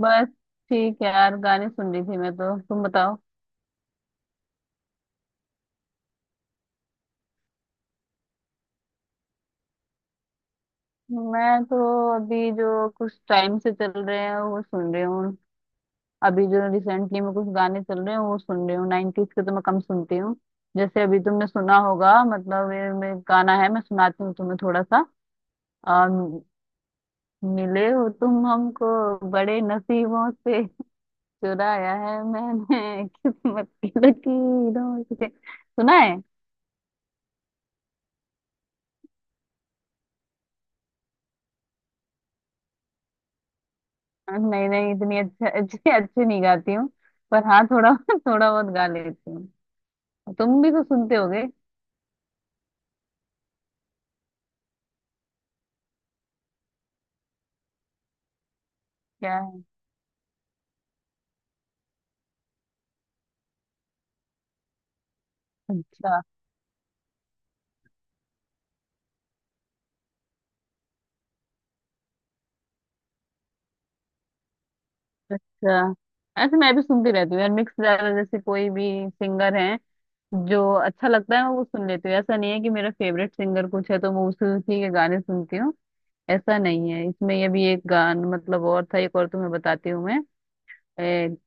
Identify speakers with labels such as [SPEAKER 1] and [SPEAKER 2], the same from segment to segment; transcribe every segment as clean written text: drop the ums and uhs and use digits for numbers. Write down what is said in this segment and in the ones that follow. [SPEAKER 1] बस ठीक है यार, गाने सुन रही थी मैं तो। तुम बताओ। मैं तो अभी जो कुछ टाइम से चल रहे हैं वो सुन रही हूँ। अभी जो रिसेंटली में कुछ गाने चल रहे हैं वो सुन रही हूँ। 90s के तो मैं कम सुनती हूँ। जैसे अभी तुमने सुना होगा, मतलब ये मैं गाना है, मैं सुनाती हूँ तुम्हें थोड़ा सा। आ, मिले हो तुम हमको, बड़े नसीबों से, चुराया है मैंने किस्मत की लकीरों से। सुना है। नहीं नहीं, इतनी अच्छा अच्छी अच्छी नहीं गाती हूँ, पर हाँ थोड़ा थोड़ा बहुत गा लेती हूँ। तुम भी तो सुनते होगे। क्या है? अच्छा, अच्छा। ऐसे मैं भी सुनती रहती हूँ यार, मिक्स ज्यादा। जैसे कोई भी सिंगर है जो अच्छा लगता है मैं वो सुन लेती हूँ। ऐसा नहीं है कि मेरा फेवरेट सिंगर कुछ है तो मैं उसी उसी के गाने सुनती हूँ। ऐसा नहीं है। इसमें ये भी एक गान मतलब और था, एक और तुम्हें बताती हूँ मैं। ए,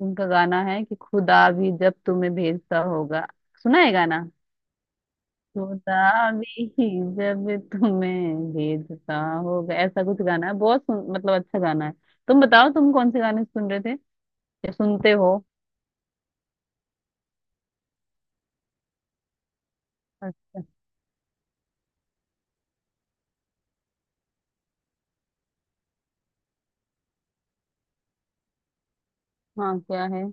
[SPEAKER 1] उनका गाना है कि खुदा भी जब तुम्हें भेजता होगा। सुना है गाना? खुदा भी जब तुम्हें भेजता होगा, ऐसा कुछ गाना है। बहुत मतलब अच्छा गाना है। तुम बताओ, तुम कौन से गाने सुन रहे थे या सुनते हो? अच्छा। हाँ, क्या है?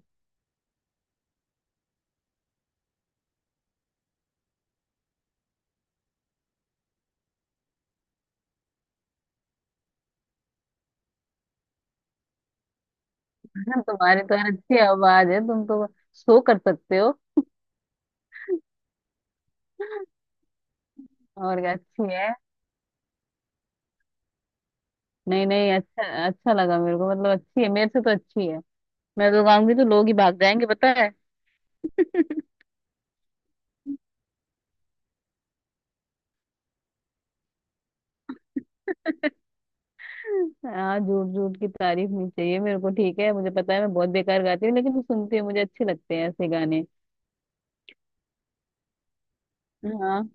[SPEAKER 1] तुम्हारी तो यार अच्छी आवाज है, तुम तो शो कर सकते हो। और क्या, अच्छी है। नहीं नहीं, अच्छा अच्छा लगा मेरे को, मतलब अच्छी है, मेरे से तो अच्छी है। मैं तो गाऊंगी तो लोग ही भाग जाएंगे, पता है। हाँ, झूठ झूठ की तारीफ नहीं चाहिए मेरे को, ठीक है। मुझे पता है मैं बहुत बेकार गाती हूँ, लेकिन सुनती हूँ, मुझे अच्छे लगते हैं ऐसे गाने। हाँ।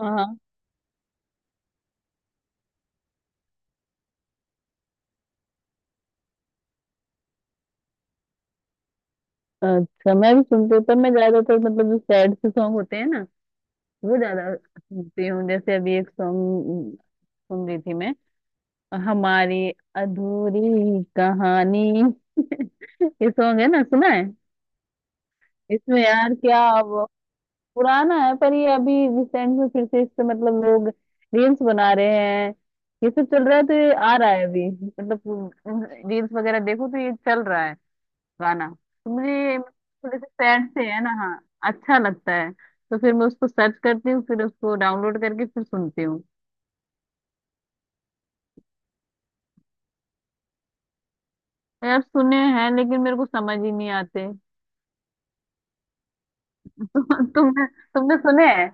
[SPEAKER 1] हाँ। अच्छा, मैं भी सुनती हूँ, पर मैं ज्यादातर, मतलब जो सैड से सॉन्ग होते हैं ना वो ज्यादा सुनती हूँ। जैसे अभी एक सॉन्ग सुन रही थी मैं, हमारी अधूरी कहानी। ये सॉन्ग है ना, सुना है। इसमें यार क्या, अब पुराना है पर ये अभी रिसेंट में फिर से इससे मतलब लोग रील्स बना रहे हैं, ये सब चल रहा है, तो ये आ रहा है अभी, मतलब रील्स वगैरह देखो तो ये चल रहा है गाना। तो मुझे ये थोड़े से सैड से है ना, हाँ अच्छा लगता है। तो फिर मैं उसको सर्च करती हूँ, फिर उसको डाउनलोड करके फिर सुनती हूँ। यार सुने हैं, लेकिन मेरे को समझ ही नहीं आते। तु, तुमने तुमने सुने हैं।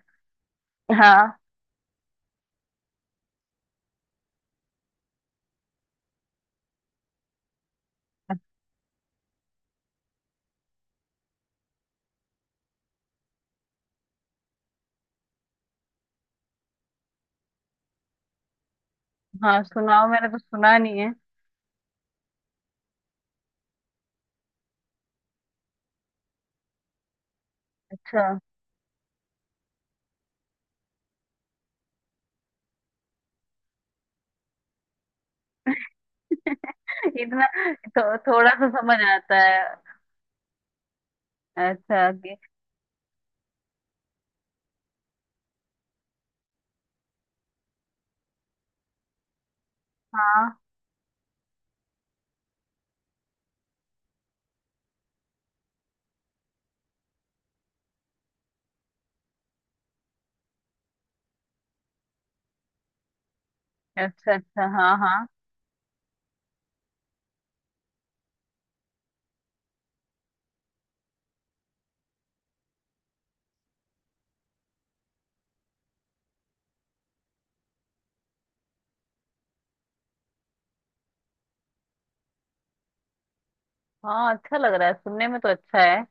[SPEAKER 1] हाँ, हाँ, सुनाओ, मैंने तो सुना नहीं है। अच्छा। इतना थोड़ा सा समझ आता है। अच्छा कि। हाँ। अच्छा, अच्छा, हाँ हाँ। हाँ, अच्छा लग रहा है, सुनने में तो अच्छा है।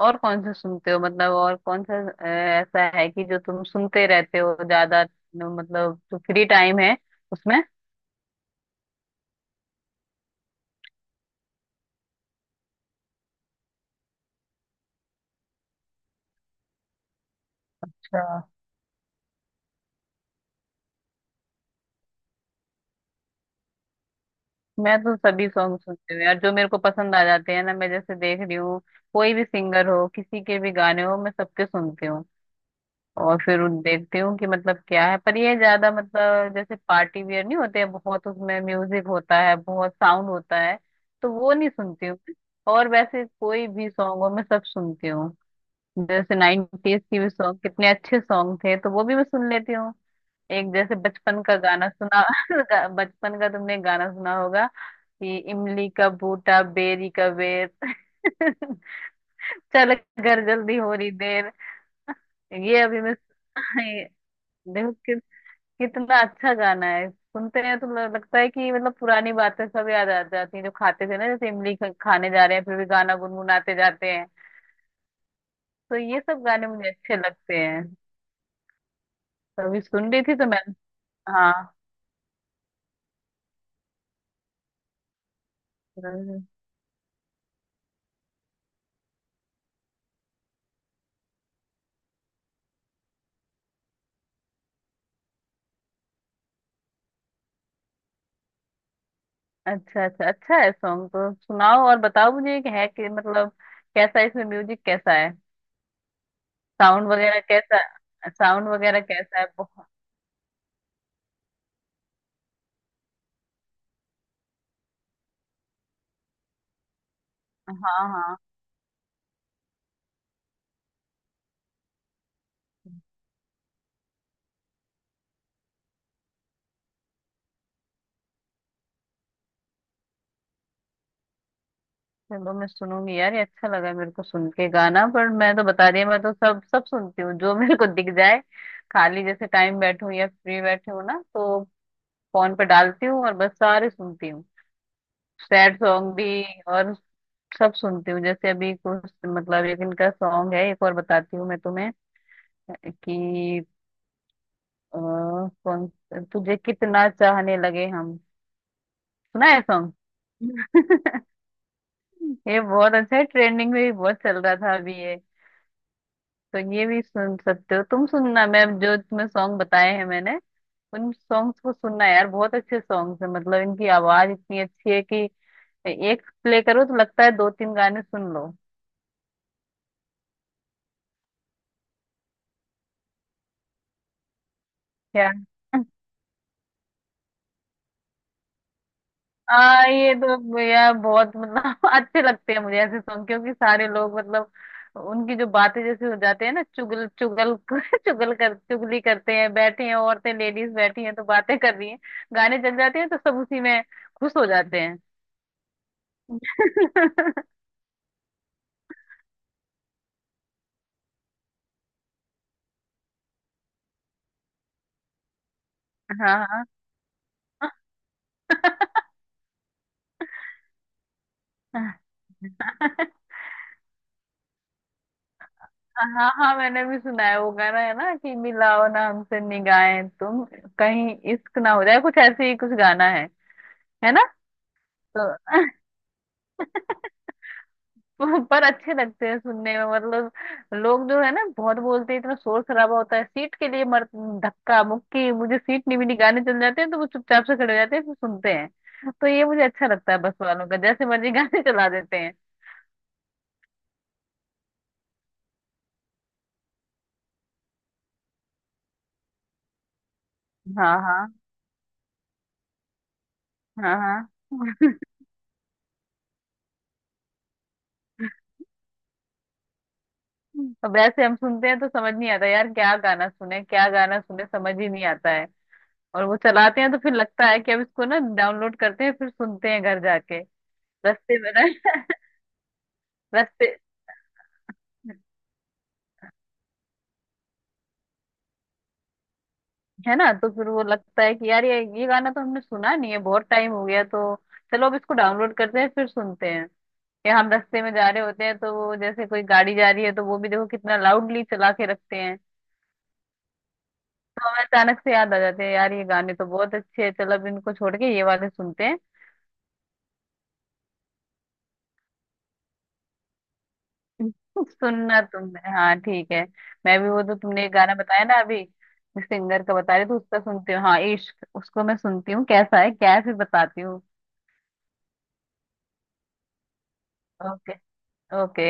[SPEAKER 1] और कौन से सुनते हो, मतलब और कौन सा ऐसा है कि जो तुम सुनते रहते हो ज्यादा, मतलब जो फ्री टाइम है उसमें। अच्छा, मैं तो सभी सॉन्ग सुनती हूँ यार, जो मेरे को पसंद आ जाते हैं ना मैं जैसे देख रही हूँ। कोई भी सिंगर हो, किसी के भी गाने हो, मैं सबके सुनती हूँ, और फिर देखती हूँ कि मतलब क्या है, पर ये ज्यादा मतलब जैसे पार्टी वियर नहीं होते हैं, बहुत उसमें म्यूजिक होता है, बहुत साउंड होता है, तो वो नहीं सुनती हूँ मैं। और वैसे कोई भी सॉन्ग हो मैं सब सुनती हूँ। जैसे नाइनटीज की भी सॉन्ग, कितने अच्छे सॉन्ग थे तो वो भी मैं सुन लेती हूँ। एक जैसे बचपन का गाना सुना। बचपन का तुमने गाना सुना होगा कि इमली का बूटा बेरी का बेर। चल घर जल्दी हो रही देर। ये अभी मैं ये देखो कि कितना अच्छा गाना है, सुनते हैं तो लगता है कि मतलब पुरानी बातें सब याद आ जाती हैं, जो खाते थे ना जैसे इमली खाने जा रहे हैं फिर भी गाना गुनगुनाते जाते हैं। तो ये सब गाने मुझे अच्छे लगते हैं। तो अभी सुन रही थी तो मैं। हाँ हाँ। अच्छा अच्छा, अच्छा है सॉन्ग, तो सुनाओ और बताओ मुझे कि है कि मतलब कैसा है, इसमें म्यूजिक कैसा है, साउंड वगैरह कैसा, साउंड वगैरह कैसा है, बहुत। हाँ हाँ। चलो मैं सुनूंगी यार, ये अच्छा लगा मेरे को सुन के गाना, पर मैं तो बता रही हूँ, मैं तो सब सब सुनती हूँ जो मेरे को दिख जाए। खाली जैसे टाइम बैठूं या फ्री बैठे हूँ ना तो फोन पे डालती हूँ और बस सारे सुनती हूँ। सैड सॉन्ग भी, और सब सुनती हूँ। जैसे अभी कुछ मतलब एक इनका सॉन्ग है, एक और बताती हूँ मैं तुम्हें कि अ, कौन तुझे कितना चाहने लगे हम। सुना है सॉन्ग? ये बहुत अच्छा है, ट्रेंडिंग में भी बहुत चल रहा था अभी ये। तो ये भी सुन सकते हो तुम, सुनना, मैं जो तुम्हें सॉन्ग बताए हैं मैंने, उन सॉन्ग्स को सुनना यार, बहुत अच्छे सॉन्ग्स है, मतलब इनकी आवाज इतनी अच्छी है कि एक प्ले करो तो लगता है दो तीन गाने सुन लो। क्या? ये तो यार बहुत मतलब अच्छे लगते हैं मुझे ऐसे सॉन्ग, क्योंकि सारे लोग मतलब उनकी जो बातें जैसे हो जाते हैं ना, चुगल चुगल चुगल कर चुगली करते हैं, बैठे हैं औरतें, लेडीज बैठी हैं तो बातें कर रही हैं, गाने चल जाते हैं तो सब उसी में खुश हो जाते हैं। हाँ हाँ। हाँ, हाँ, मैंने भी सुना है, वो गाना है ना कि मिलाओ ना हमसे निगाहें तुम, कहीं इश्क ना हो जाए, कुछ ऐसे ही कुछ गाना है ना? तो पर अच्छे लगते हैं सुनने में, मतलब लोग जो है ना बहुत बोलते हैं, इतना शोर शराबा होता है, सीट के लिए मर, धक्का मुक्की, मुझे सीट नहीं मिली, गाने चल जाते हैं तो वो चुपचाप से खड़े हो जाते हैं फिर सुनते हैं, तो ये मुझे अच्छा लगता है बस वालों का जैसे मर्जी गाने चला देते हैं। हाँ हाँ, हाँ हाँ। तो वैसे हम सुनते हैं तो समझ नहीं आता यार, क्या गाना सुने क्या गाना सुने, समझ ही नहीं आता है। और वो चलाते हैं तो फिर लगता है कि अब इसको ना डाउनलोड करते हैं, फिर सुनते हैं घर जाके। रस्ते में रस्ते है ना, तो फिर वो लगता है कि यार ये गाना तो हमने सुना नहीं है, बहुत टाइम हो गया, तो चलो अब इसको डाउनलोड करते हैं फिर सुनते हैं। या हम रास्ते में जा रहे होते हैं, तो वो जैसे कोई गाड़ी जा रही है तो वो भी देखो कितना लाउडली चला के रखते हैं, तो हमें अचानक से याद आ जाते हैं यार ये गाने तो बहुत अच्छे हैं, चलो अब इनको छोड़ के ये वाले सुनते हैं। सुनना तुमने, हाँ ठीक है। मैं भी, वो तो तुमने एक गाना बताया ना अभी, जिस सिंगर का बता रहे थे उसका सुनती हूँ, हाँ इश्क, उसको मैं सुनती हूँ कैसा है क्या है, फिर बताती हूँ। ओके। ओके।